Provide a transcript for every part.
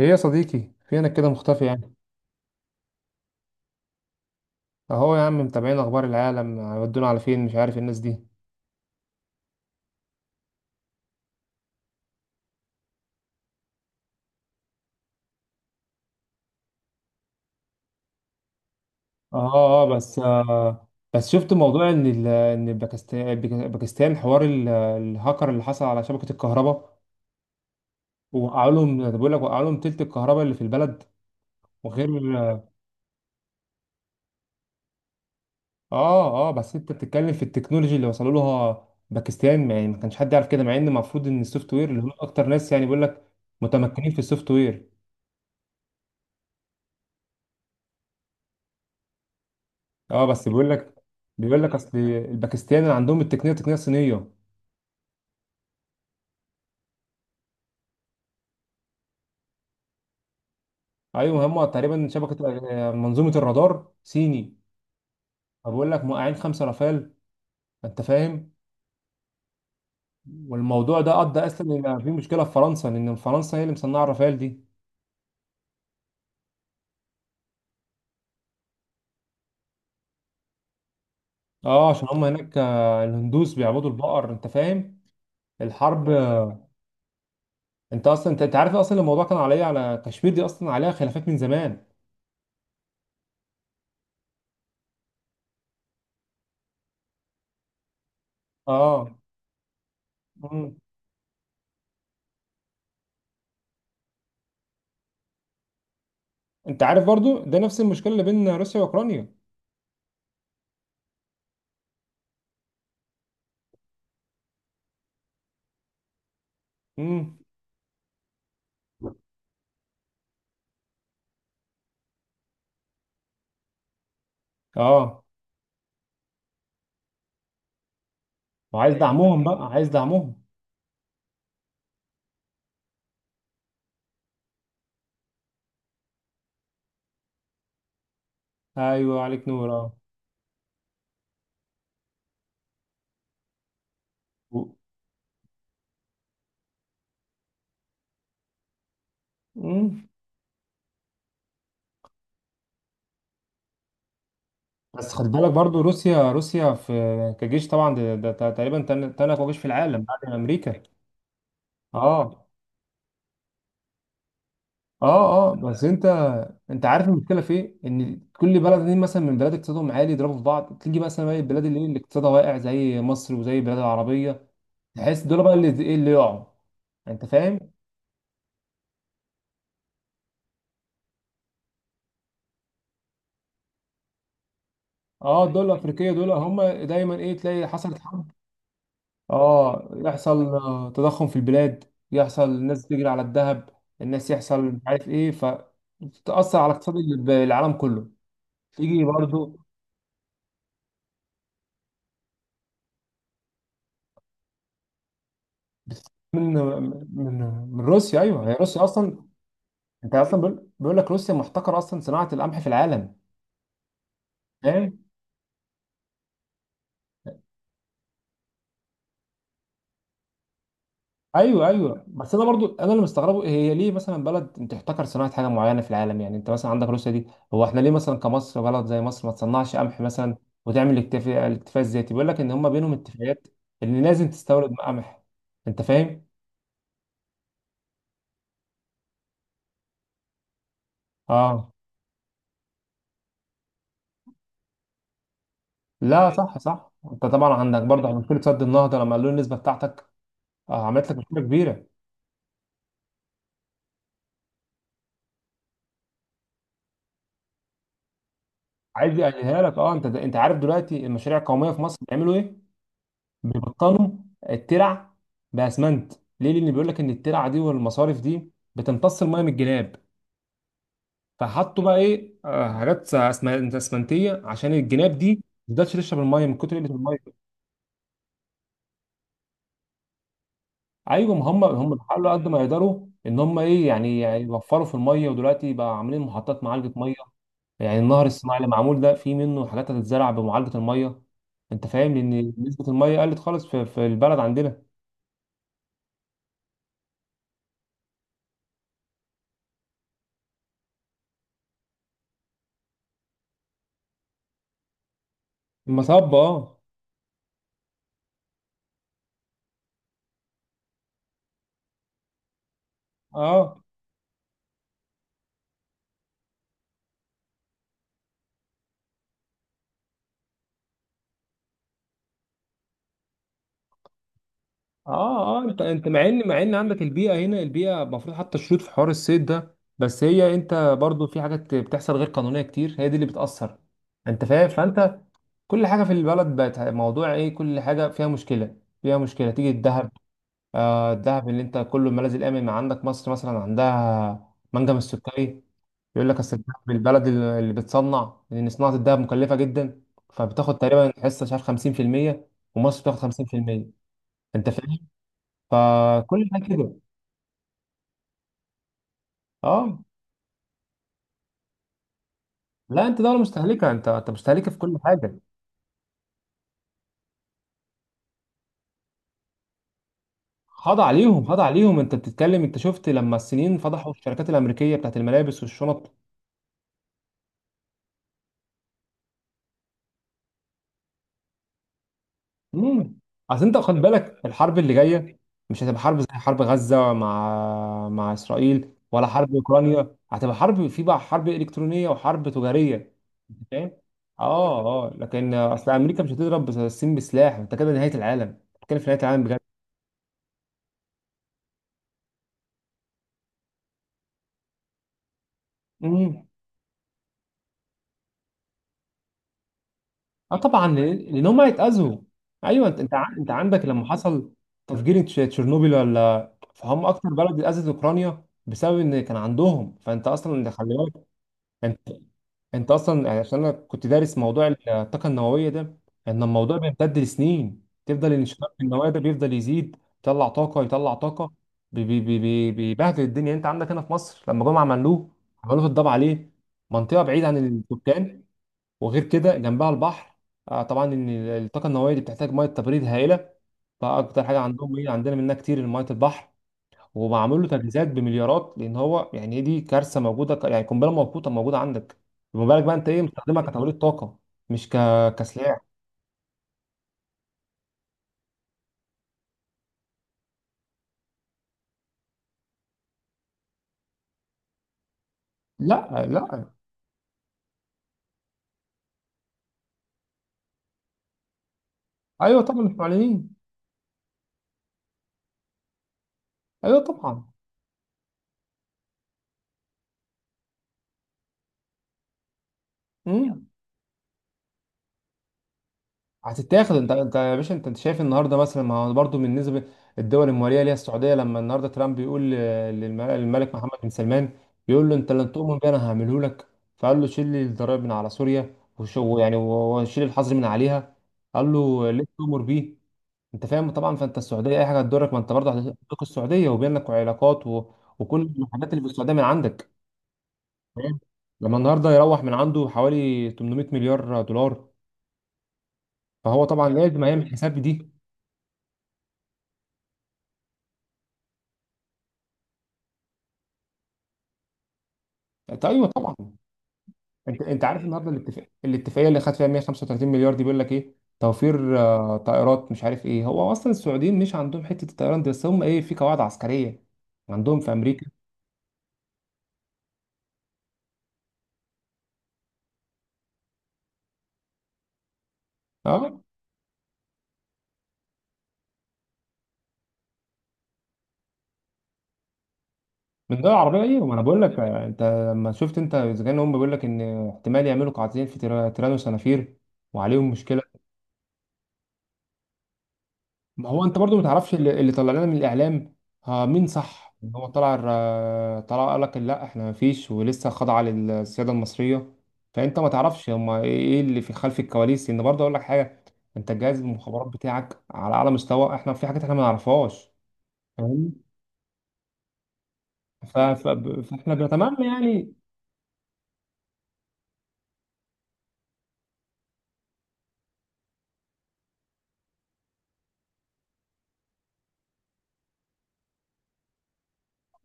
ايه يا صديقي؟ فينك كده مختفي يعني؟ اهو يا عم، متابعين اخبار العالم هيودونا على فين، مش عارف الناس دي. اه اه بس آه بس شفت موضوع ان ان باكستان حوار الهاكر اللي حصل على شبكة الكهرباء. وقعوا لهم بقول لك وقعوا لهم تلت الكهرباء اللي في البلد وغير. اه بس انت بتتكلم في التكنولوجي اللي وصلوا لها باكستان، يعني ما كانش حد يعرف كده مع ان المفروض ان السوفت وير اللي هم اكتر ناس يعني بقول لك متمكنين في السوفت وير. اه بس بيقول لك اصل الباكستان اللي عندهم التقنيه تقنيه صينيه. ايوه هم تقريبا شبكه، منظومه الرادار صيني. فبقول لك موقعين خمسه رافال، انت فاهم. والموضوع ده ادى اصلا ان في مشكله في فرنسا، لان فرنسا هي اللي مصنعه الرافال دي. اه، عشان هم هناك، الهندوس بيعبدوا البقر، انت فاهم. الحرب. انت اصلا انت عارف اصلا الموضوع كان عليا على كشمير، دي اصلا عليها خلافات من زمان. اه. مم. انت عارف برضو ده نفس المشكله اللي بين روسيا واوكرانيا. امم. اه، وعايز دعمهم، فاهمني بقى عايز دعمهم. ايوه عليك نور، اه. و- مم. بس خد بالك برضو، روسيا في كجيش طبعا، ده تقريبا تاني اقوى جيش في العالم بعد امريكا. اه اه اه. بس انت عارف المشكله في ايه، ان كل بلد دي مثلا من بلاد اقتصادهم عالي يضربوا في بعض، تيجي مثلا بقى البلاد اللي إيه، اللي اقتصادها واقع زي مصر وزي البلاد العربيه، تحس دول بقى اللي ايه اللي يقعوا، انت فاهم. اه، دول الافريقيه دول هم دايما ايه، تلاقي حصلت حرب، اه يحصل تضخم في البلاد، يحصل الناس تجري على الذهب، الناس يحصل مش عارف ايه، فتأثر على اقتصاد العالم كله. تيجي برضو. بس- من من من روسيا. ايوه هي روسيا اصلا. انت اصلا بيقول لك روسيا محتكره اصلا صناعه القمح في العالم. ايوه ايوه، بس انا برضو انا اللي مستغربه، هي ليه مثلا بلد انت تحتكر صناعه حاجه معينه في العالم، يعني انت مثلا عندك روسيا دي، هو احنا ليه مثلا كمصر بلد زي مصر ما تصنعش قمح مثلا، وتعمل الاكتفاء الذاتي، بيقول لك ان هم بينهم اتفاقات، ان لازم تستورد قمح، انت فاهم. اه. لا، صح صح، انت طبعا عندك برضه مشكله سد النهضه، لما قالوا النسبه بتاعتك، عملت لك مشكله كبيره. عايز يقللها لك. اه، انت عارف دلوقتي المشاريع القوميه في مصر بيعملوا ايه؟ بيبطلوا الترع باسمنت. ليه؟ لان بيقول لك ان الترع دي والمصارف دي بتمتص الميه من الجناب. فحطوا بقى ايه، حاجات اسمنتيه عشان الجناب دي ما تقدرش تشرب الميه من كتر قله الميه. ايوه، ما هم بيحاولوا قد ما يقدروا ان هم ايه، يعني يوفروا في الميه، ودلوقتي بقى عاملين محطات معالجه ميه. يعني النهر الصناعي اللي معمول ده فيه منه حاجات هتتزرع بمعالجه الميه، انت فاهم، لان نسبه الميه قلت خالص في البلد عندنا. المصب، اه. اه اه اه. انت مع ان عندك البيئه هنا، البيئه المفروض حتى الشروط في حوار الصيد ده، بس هي انت برضو في حاجات بتحصل غير قانونيه كتير، هي دي اللي بتاثر. انت فاهم، فانت كل حاجه في البلد بقت موضوع ايه، كل حاجه فيها مشكله، فيها مشكله. تيجي الذهب، آه الذهب اللي انت كله الملاذ الامن، ما عندك مصر مثلا عندها منجم السكري. يقول لك اصل الذهب البلد اللي بتصنع، لان صناعه الذهب مكلفه جدا، فبتاخد تقريبا حصه مش عارف 50%، ومصر بتاخد 50%، انت فاهم؟ فكل ده كده. اه، لا، انت دولة مستهلكة، انت مستهلكة في كل حاجة. خاضع عليهم انت بتتكلم. انت شفت لما الصينيين فضحوا الشركات الامريكية بتاعت الملابس والشنط. امم. اصل انت خد بالك، الحرب اللي جاية مش هتبقى حرب زي حرب غزة مع اسرائيل، ولا حرب اوكرانيا، هتبقى حرب في بقى حرب الكترونية وحرب تجارية. انت فاهم. اه اه، لكن اصل امريكا مش هتضرب الصين بسلاح، انت كده نهاية العالم، بتتكلم في نهاية العالم بجد. مم. اه طبعا، لأن هم هيتاذوا. ايوه، انت انت عندك لما حصل تفجير تشيرنوبيل ولا، فهم اكتر بلد اتاذت اوكرانيا بسبب ان كان عندهم، فانت اصلا انت خلي بالك. انت انت اصلا يعني عشان انا كنت دارس موضوع الطاقه النوويه ده، ان الموضوع بيمتد لسنين، تفضل الانشطار النووي ده بيفضل يزيد، يطلع طاقه، يطلع طاقه. بيبهدل الدنيا. انت عندك هنا في مصر لما جم عملوه، عملوه الضبع، عليه منطقه بعيده عن السكان، وغير كده جنبها البحر. طبعا ان الطاقه النوويه دي بتحتاج ميه تبريد هائله، فاكتر حاجه عندهم ايه، عندنا منها كتير ميه البحر، ومعمول له تجهيزات بمليارات، لان هو يعني دي كارثه موجوده، يعني قنبله موقوته موجوده عندك، فما بالك بقى انت ايه مستخدمها كتوليد طاقه مش كسلاح. لا لا. ايوه طبعا مش معلنين. ايوه طبعا. مم. هتتاخد. انت يا باشا، انت شايف النهارده مثلا، ما هو برضه بالنسبه الدول المواليه ليها السعوديه، لما النهارده ترامب بيقول للملك محمد بن سلمان، بيقول له انت لن تؤمن بي، انا هعمله لك. فقال له شيل لي الضرائب من على سوريا، وشو يعني، وشيل الحظر من عليها، قال له ليه تؤمر بيه. انت فاهم طبعا، فانت السعوديه اي حاجه هتضرك، ما انت برضه هتضرك السعوديه، وبينك علاقات، و... وكل الحاجات اللي في السعوديه من عندك. فاهم. لما النهارده يروح من عنده حوالي 800 مليار دولار، فهو طبعا لازم هيعمل حساب دي. طيب، ايوه طبعا، انت عارف النهارده الاتفاق الاتفاقيه اللي خد فيها 135 مليار دي، بيقول لك ايه، توفير طائرات مش عارف ايه، هو اصلا السعوديين مش عندهم حته الطيران دي، بس هم ايه في قواعد عسكريه عندهم في امريكا. اه، من دول عربيه ايه، ما انا بقول لك، انت لما شفت انت اذا كان هم بيقول لك ان احتمال يعملوا قاعدتين في تيران وسنافير، وعليهم مشكله. ما هو انت برضو ما تعرفش اللي طلع لنا من الاعلام، ها مين صح؟ هو طلع طلع قال لك لا، احنا ما فيش، ولسه خاضعه للسياده المصريه، فانت ما تعرفش هما ايه، اللي في خلف الكواليس، لان برضو اقول لك حاجه، انت جهاز المخابرات بتاعك على اعلى مستوى، احنا في حاجات احنا ما نعرفهاش. فاهم. ف- ف- فاحنا بنتمنى يعني.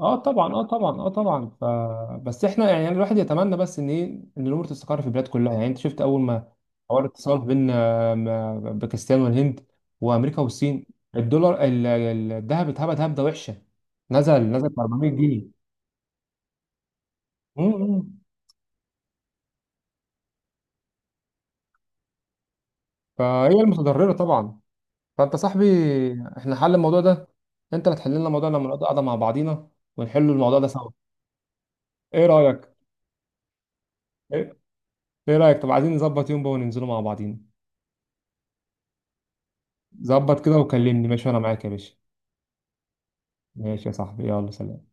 اه طبعا، اه طبعا، اه طبعا. بس احنا يعني الواحد يتمنى بس ان ايه، ان الامور تستقر في البلاد كلها، يعني انت شفت اول ما حوار الاتصال بين باكستان والهند، وامريكا والصين، الدولار، الذهب اتهبد هبده وحشه، نزل نزل ب 400 جنيه. امم. فهي المتضرره طبعا. فانت صاحبي، احنا حل الموضوع ده، انت اللي تحل لنا الموضوع لما نقعد قاعده مع بعضينا ونحل الموضوع ده سوا. ايه رايك؟ ايه إيه رايك، طب عايزين نظبط يوم بقى وننزلوا مع بعضينا. ظبط كده وكلمني، ماشي، وانا معاك يا باشا. ماشي يا صاحبي، يلا سلام.